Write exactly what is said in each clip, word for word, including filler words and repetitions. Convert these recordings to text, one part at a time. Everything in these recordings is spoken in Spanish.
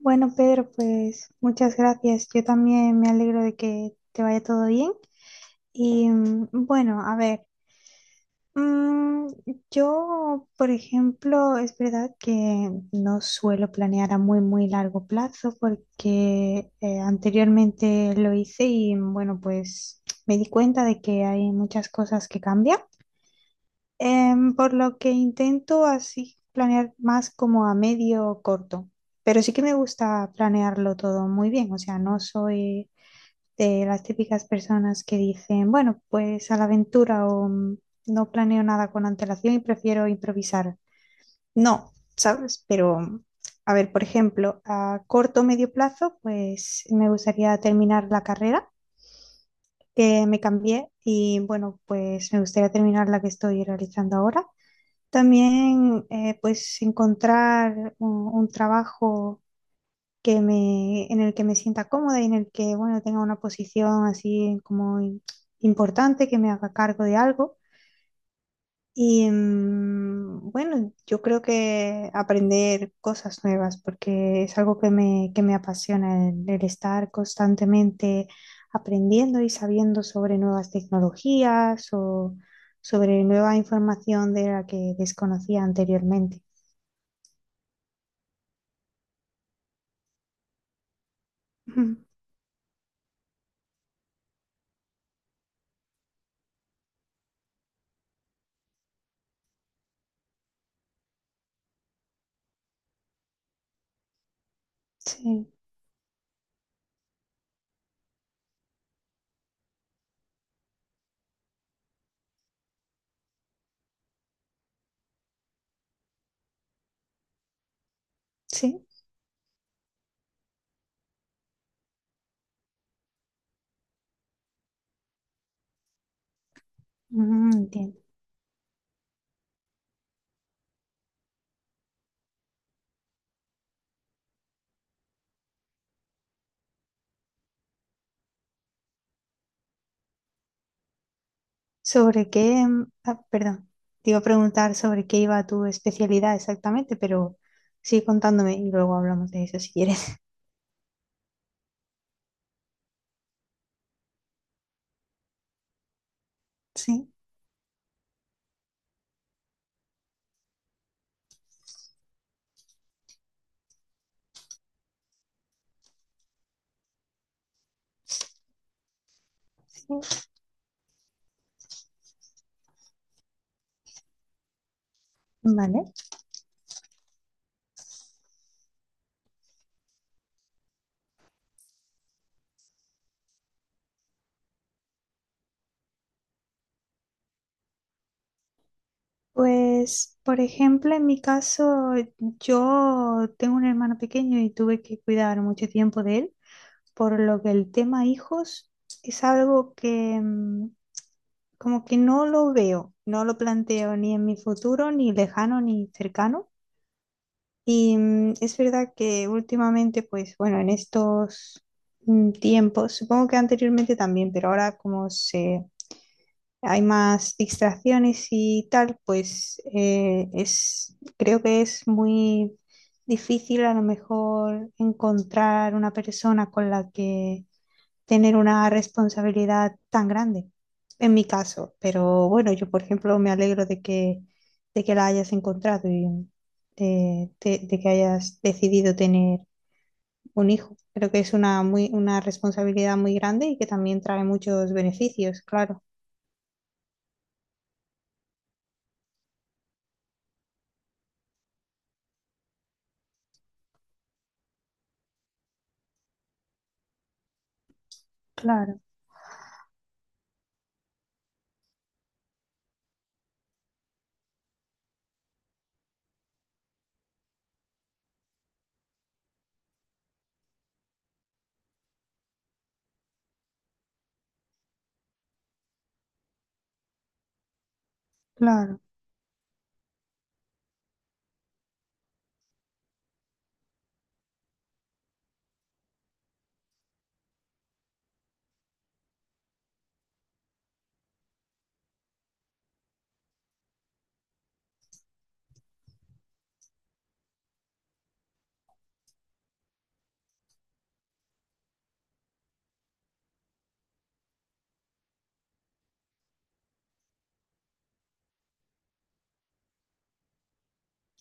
Bueno, Pedro, pues muchas gracias. Yo también me alegro de que te vaya todo bien. Y mm, bueno, a ver, mm, yo, por ejemplo, es verdad que no suelo planear a muy, muy largo plazo porque eh, anteriormente lo hice y bueno, pues me di cuenta de que hay muchas cosas que cambian. Em, por lo que intento así planear más como a medio o corto, pero sí que me gusta planearlo todo muy bien, o sea, no soy de las típicas personas que dicen, bueno, pues a la aventura o mm, no planeo nada con antelación y prefiero improvisar. No, ¿sabes? Pero, a ver, por ejemplo, a corto o medio plazo, pues me gustaría terminar la carrera que me cambié y bueno, pues me gustaría terminar la que estoy realizando ahora. También, eh, pues, encontrar un, un trabajo que me, en el que me sienta cómoda y en el que, bueno, tenga una posición así como im- importante, que me haga cargo de algo. Y mm, bueno, yo creo que aprender cosas nuevas, porque es algo que me, que me apasiona, el, el estar constantemente aprendiendo y sabiendo sobre nuevas tecnologías o sobre nueva información de la que desconocía anteriormente. Ujú. Sí, sí. Mm, entiendo. ¿Sobre qué? Mm, ah, perdón, te iba a preguntar sobre qué iba tu especialidad exactamente, pero sigue contándome y luego hablamos de eso si quieres. Sí, sí, vale. Pues, por ejemplo, en mi caso, yo tengo un hermano pequeño y tuve que cuidar mucho tiempo de él, por lo que el tema hijos es algo que mm, como que no lo veo, no lo planteo ni en mi futuro, ni lejano, ni cercano. Y mm, es verdad que últimamente, pues bueno, en estos mm, tiempos, supongo que anteriormente también, pero ahora como se hay más distracciones y tal, pues eh, es, creo que es muy difícil a lo mejor encontrar una persona con la que tener una responsabilidad tan grande, en mi caso. Pero bueno, yo, por ejemplo, me alegro de que, de que la hayas encontrado y de, de- de que hayas decidido tener un hijo. Creo que es una, muy, una responsabilidad muy grande y que también trae muchos beneficios, claro. Claro, claro,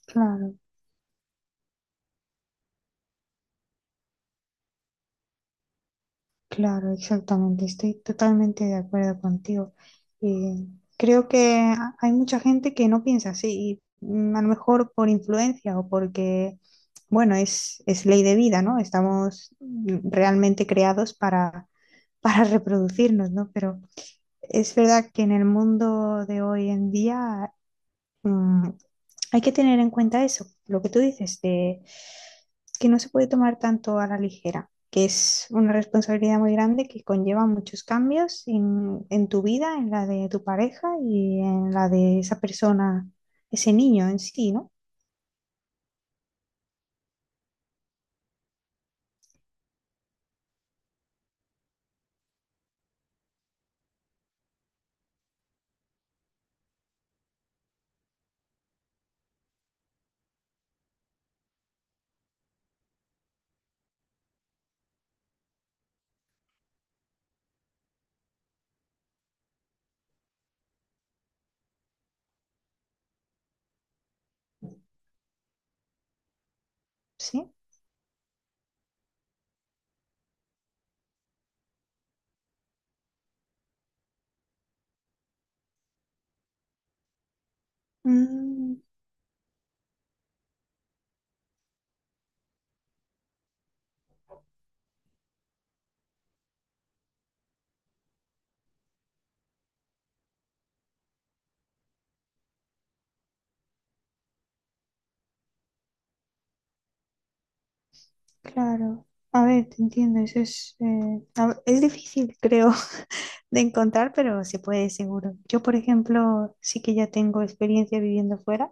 claro. Claro, exactamente. Estoy totalmente de acuerdo contigo. Eh, Creo que ha- hay mucha gente que no piensa así, y, mm, a lo mejor por influencia o porque, bueno, es, es ley de vida, ¿no? Estamos mm, realmente creados para, para reproducirnos, ¿no? Pero es verdad que en el mundo de hoy en día, mm, hay que tener en cuenta eso, lo que tú dices, de que no se puede tomar tanto a la ligera, que es una responsabilidad muy grande que conlleva muchos cambios en, en tu vida, en la de tu pareja y en la de esa persona, ese niño en sí, ¿no? Sí. Mm, claro. A ver, te entiendes, es, eh, a- es difícil, creo, de encontrar, pero se puede seguro. Yo, por ejemplo, sí que ya tengo experiencia viviendo fuera.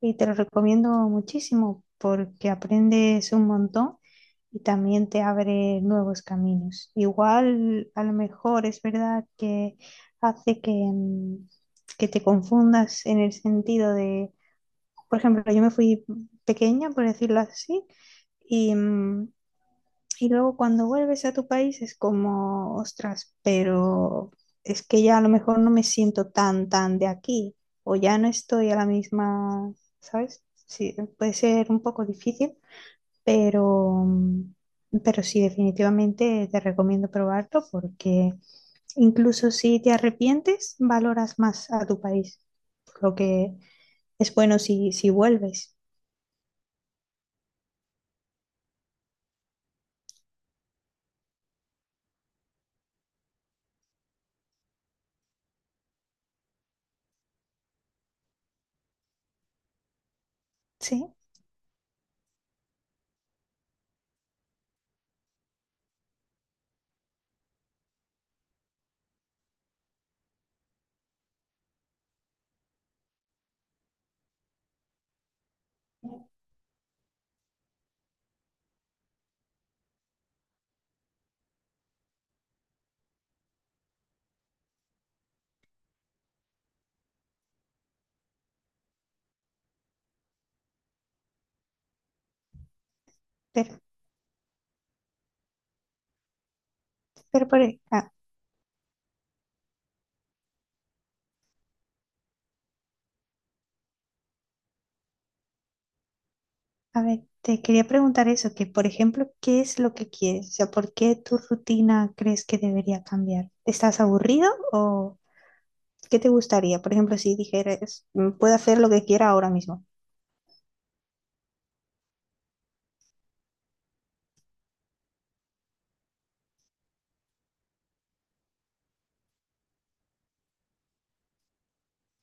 Y te lo recomiendo muchísimo porque aprendes un montón y también te abre nuevos caminos. Igual, a lo mejor es verdad que hace que, mm, que te confundas en el sentido de, por ejemplo, yo me fui pequeña, por decirlo así, y, mm, y luego cuando vuelves a tu país es como, ostras, pero es que ya a lo mejor no me siento tan, tan de aquí, o ya no estoy a la misma, ¿sabes? Sí, puede ser un poco difícil, pero, mm, pero sí, definitivamente te recomiendo probarlo porque incluso si te arrepientes, valoras más a tu país, por lo que es bueno si, si vuelves. ¿Sí? Pero, pero por, e-, ah, A ver, te quería preguntar eso, que por ejemplo, ¿qué es lo que quieres? O sea, ¿por qué tu rutina crees que debería cambiar? ¿Estás aburrido o qué te gustaría? Por ejemplo, si dijeras, "Mm, puedo hacer lo que quiera ahora mismo".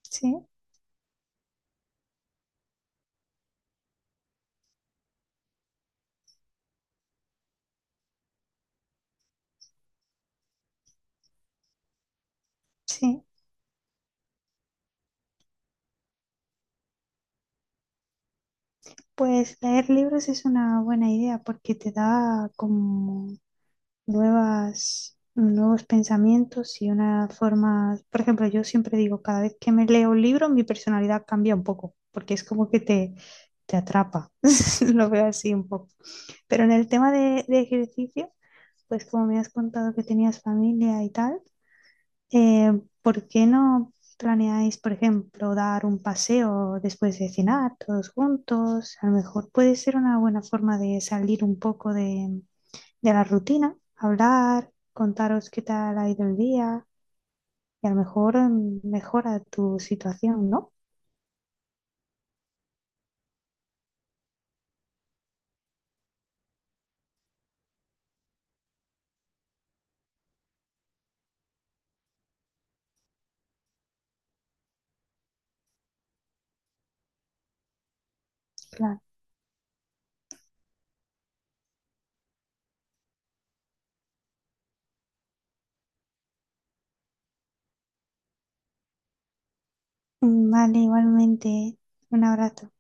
Sí, sí. Pues leer libros es una buena idea porque te da como nuevas, nuevos pensamientos y una forma, por ejemplo, yo siempre digo, cada vez que me leo un libro, mi personalidad cambia un poco, porque es como que te, te atrapa, lo veo así un poco. Pero en el tema de, de ejercicio, pues como me has contado que tenías familia y tal, eh, ¿por qué no planeáis, por ejemplo, dar un paseo después de cenar todos juntos? A lo mejor puede ser una buena forma de salir un poco de de la rutina, hablar, contaros qué tal ha ido el día y a lo mejor mm, mejora tu situación, ¿no? Claro. Mm, vale, igualmente. Un abrazo.